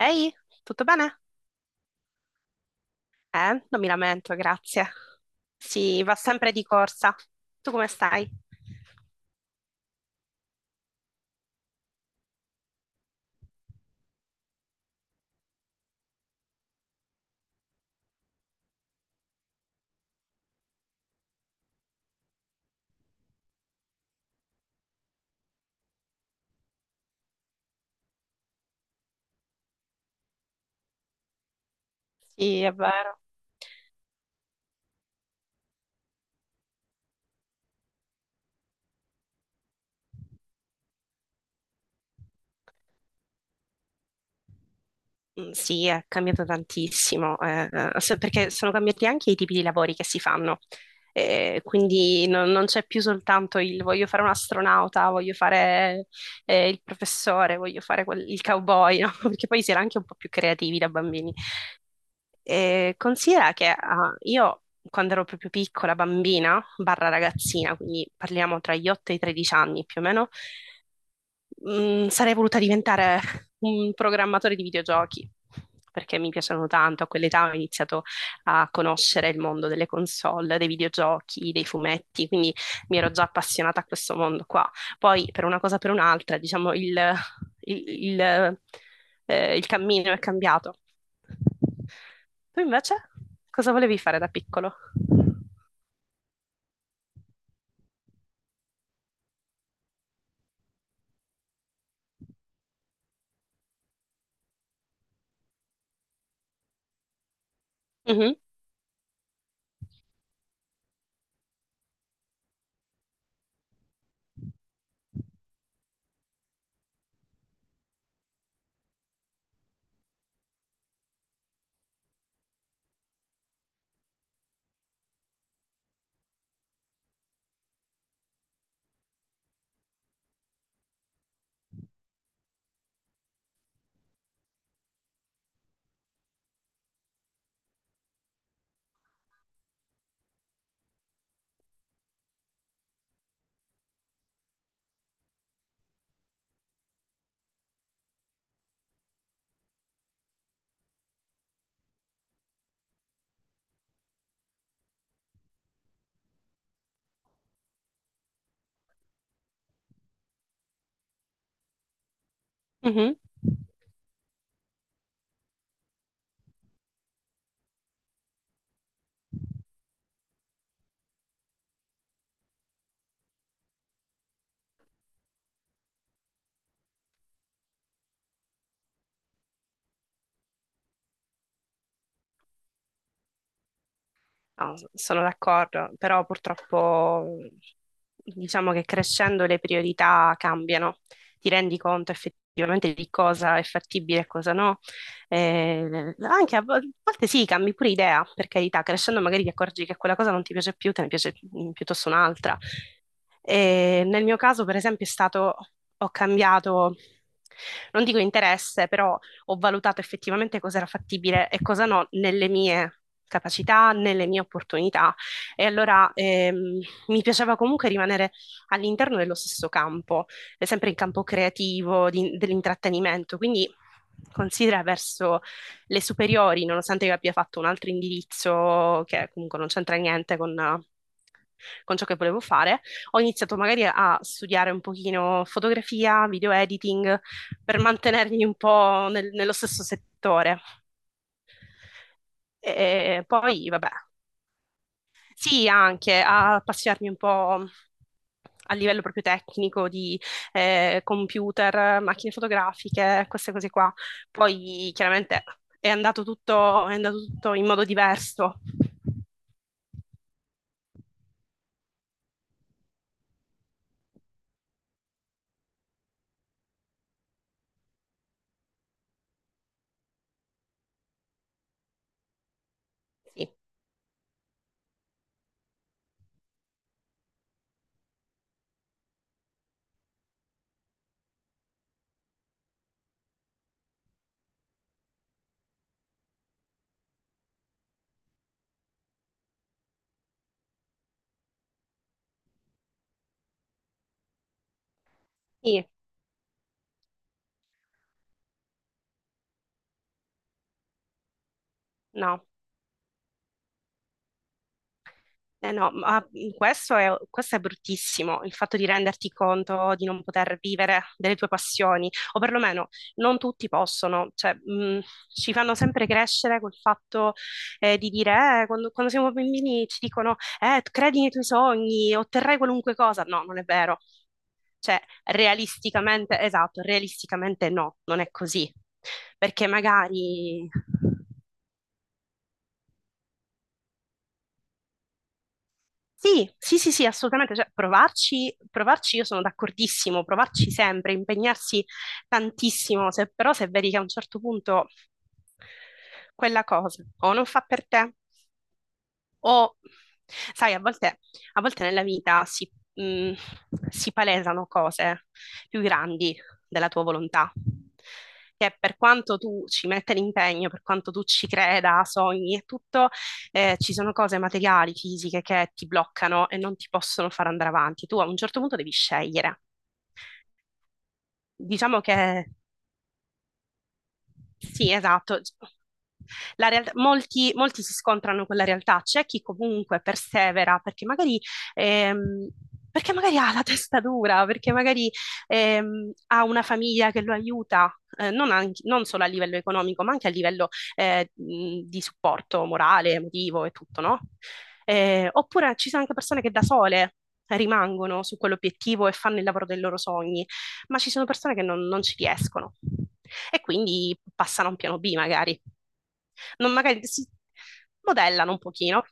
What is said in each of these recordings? Ehi, tutto bene? Non mi lamento, grazie. Sì, va sempre di corsa. Tu come stai? Sì, è vero. Sì, è cambiato tantissimo, perché sono cambiati anche i tipi di lavori che si fanno. Quindi non c'è più soltanto il voglio fare un astronauta, voglio fare il professore, il cowboy, no? Perché poi si era anche un po' più creativi da bambini. Considera che io quando ero proprio piccola, bambina, barra ragazzina, quindi parliamo tra gli 8 e i 13 anni più o meno. Sarei voluta diventare un programmatore di videogiochi perché mi piacciono tanto. A quell'età ho iniziato a conoscere il mondo delle console, dei videogiochi, dei fumetti, quindi mi ero già appassionata a questo mondo qua. Poi per una cosa o per un'altra, diciamo, il- il, il cammino è cambiato. Tu invece cosa volevi fare da piccolo? Mhm, mhm. No, sono d'accordo, però purtroppo diciamo che crescendo le priorità cambiano, ti rendi conto effettivamente di cosa è fattibile e cosa no. Anche a volte sì, cambi pure idea, per carità, crescendo magari ti accorgi che quella cosa non ti piace più, te ne piace piuttosto un'altra. E nel mio caso, per esempio, ho cambiato, non dico interesse, però ho valutato effettivamente cosa era fattibile e cosa no nelle mie capacità, nelle mie opportunità. E allora mi piaceva comunque rimanere all'interno dello stesso campo, sempre in campo creativo, dell'intrattenimento. Quindi considera verso le superiori, nonostante io abbia fatto un altro indirizzo che comunque non c'entra niente con, con ciò che volevo fare, ho iniziato magari a studiare un pochino fotografia, video editing, per mantenermi un po' nello stesso settore. E poi, vabbè, sì, anche a appassionarmi un po' a livello proprio tecnico di computer, macchine fotografiche, queste cose qua. Poi chiaramente è andato tutto in modo diverso. Sì, sì, no. Eh no, ma questo è bruttissimo, il fatto di renderti conto di non poter vivere delle tue passioni, o perlomeno non tutti possono, cioè, ci fanno sempre crescere col fatto di dire, quando siamo bambini ci dicono, credi nei tuoi sogni, otterrai qualunque cosa. No, non è vero. Cioè, realisticamente, esatto, realisticamente no, non è così. Perché magari sì, sì, sì, sì, assolutamente, cioè, provarci io sono d'accordissimo, provarci sempre, impegnarsi tantissimo, però se vedi che a un certo punto quella cosa o non fa per te o sai, a volte nella vita si palesano cose più grandi della tua volontà, che per quanto tu ci metta l'impegno, per quanto tu ci creda, sogni e tutto, ci sono cose materiali, fisiche che ti bloccano e non ti possono far andare avanti. Tu a un certo punto devi scegliere. Diciamo che sì, esatto. Molti, molti si scontrano con la realtà, c'è chi comunque persevera ehm, perché magari ha la testa dura, perché magari ha una famiglia che lo aiuta, non solo a livello economico, ma anche a livello di supporto morale, emotivo e tutto, no? Oppure ci sono anche persone che da sole rimangono su quell'obiettivo e fanno il lavoro dei loro sogni, ma ci sono persone che non ci riescono e quindi passano a un piano B magari. Non magari si modellano un pochino.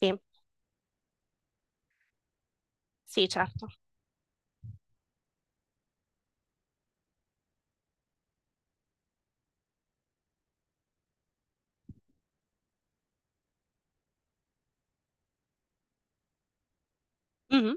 Sì, sì, certo. Mhm,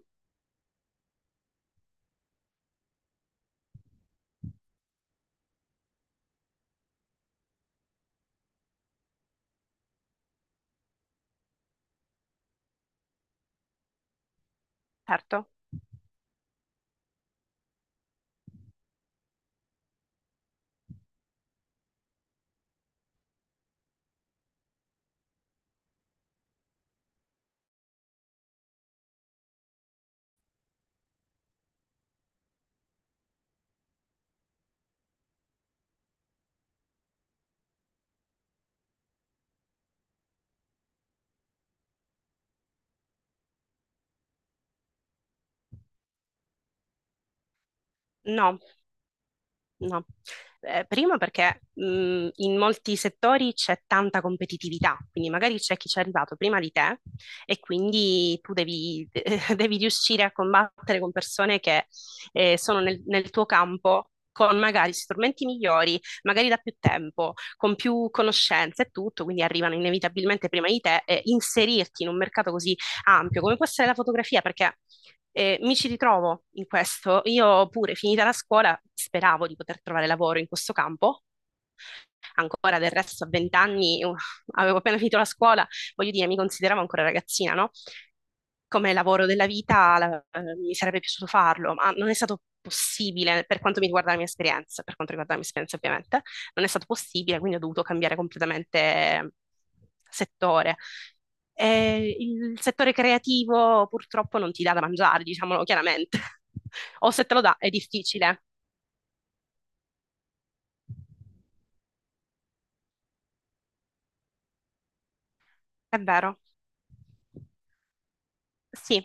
certo. No, no, primo perché in molti settori c'è tanta competitività, quindi magari c'è chi ci è arrivato prima di te e quindi tu devi, devi riuscire a combattere con persone che sono nel tuo campo con magari strumenti migliori, magari da più tempo, con più conoscenze e tutto, quindi arrivano inevitabilmente prima di te e inserirti in un mercato così ampio come può essere la fotografia, perché mi ci ritrovo in questo. Io pure, finita la scuola, speravo di poter trovare lavoro in questo campo, ancora del resto a 20 anni. Avevo appena finito la scuola, voglio dire, mi consideravo ancora ragazzina, no? Come lavoro della vita, mi sarebbe piaciuto farlo, ma non è stato possibile per quanto mi riguarda la mia esperienza, per quanto riguarda la mia esperienza ovviamente, non è stato possibile, quindi ho dovuto cambiare completamente settore. E il settore creativo purtroppo non ti dà da mangiare, diciamolo chiaramente. O se te lo dà è difficile, è vero. Sì,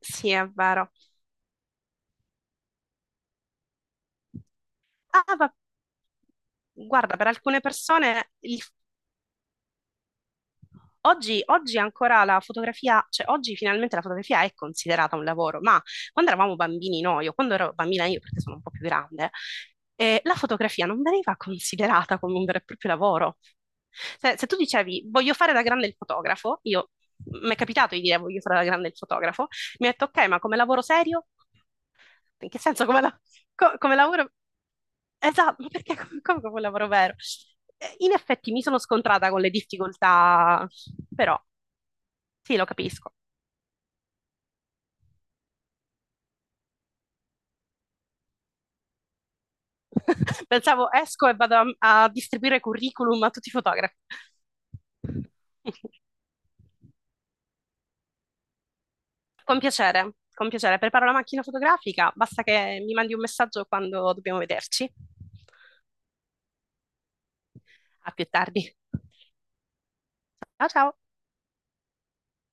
sì, è vero. Ah, ma guarda, per alcune persone oggi, oggi ancora cioè oggi finalmente la fotografia è considerata un lavoro, ma quando eravamo bambini noi, o quando ero bambina io, perché sono un po' più grande, la fotografia non veniva considerata come un vero e proprio lavoro. Se tu dicevi voglio fare da grande il fotografo, io mi è capitato di dire voglio fare da grande il fotografo, mi ha detto ok, ma come lavoro serio? In che senso come, la- co- Come lavoro? Esatto, ma perché come, come capolavoro vero? In effetti mi sono scontrata con le difficoltà, però sì, lo capisco. Pensavo esco e vado a distribuire curriculum a tutti i fotografi. Con piacere, con piacere. Preparo la macchina fotografica, basta che mi mandi un messaggio quando dobbiamo vederci. A più tardi. Ciao ciao.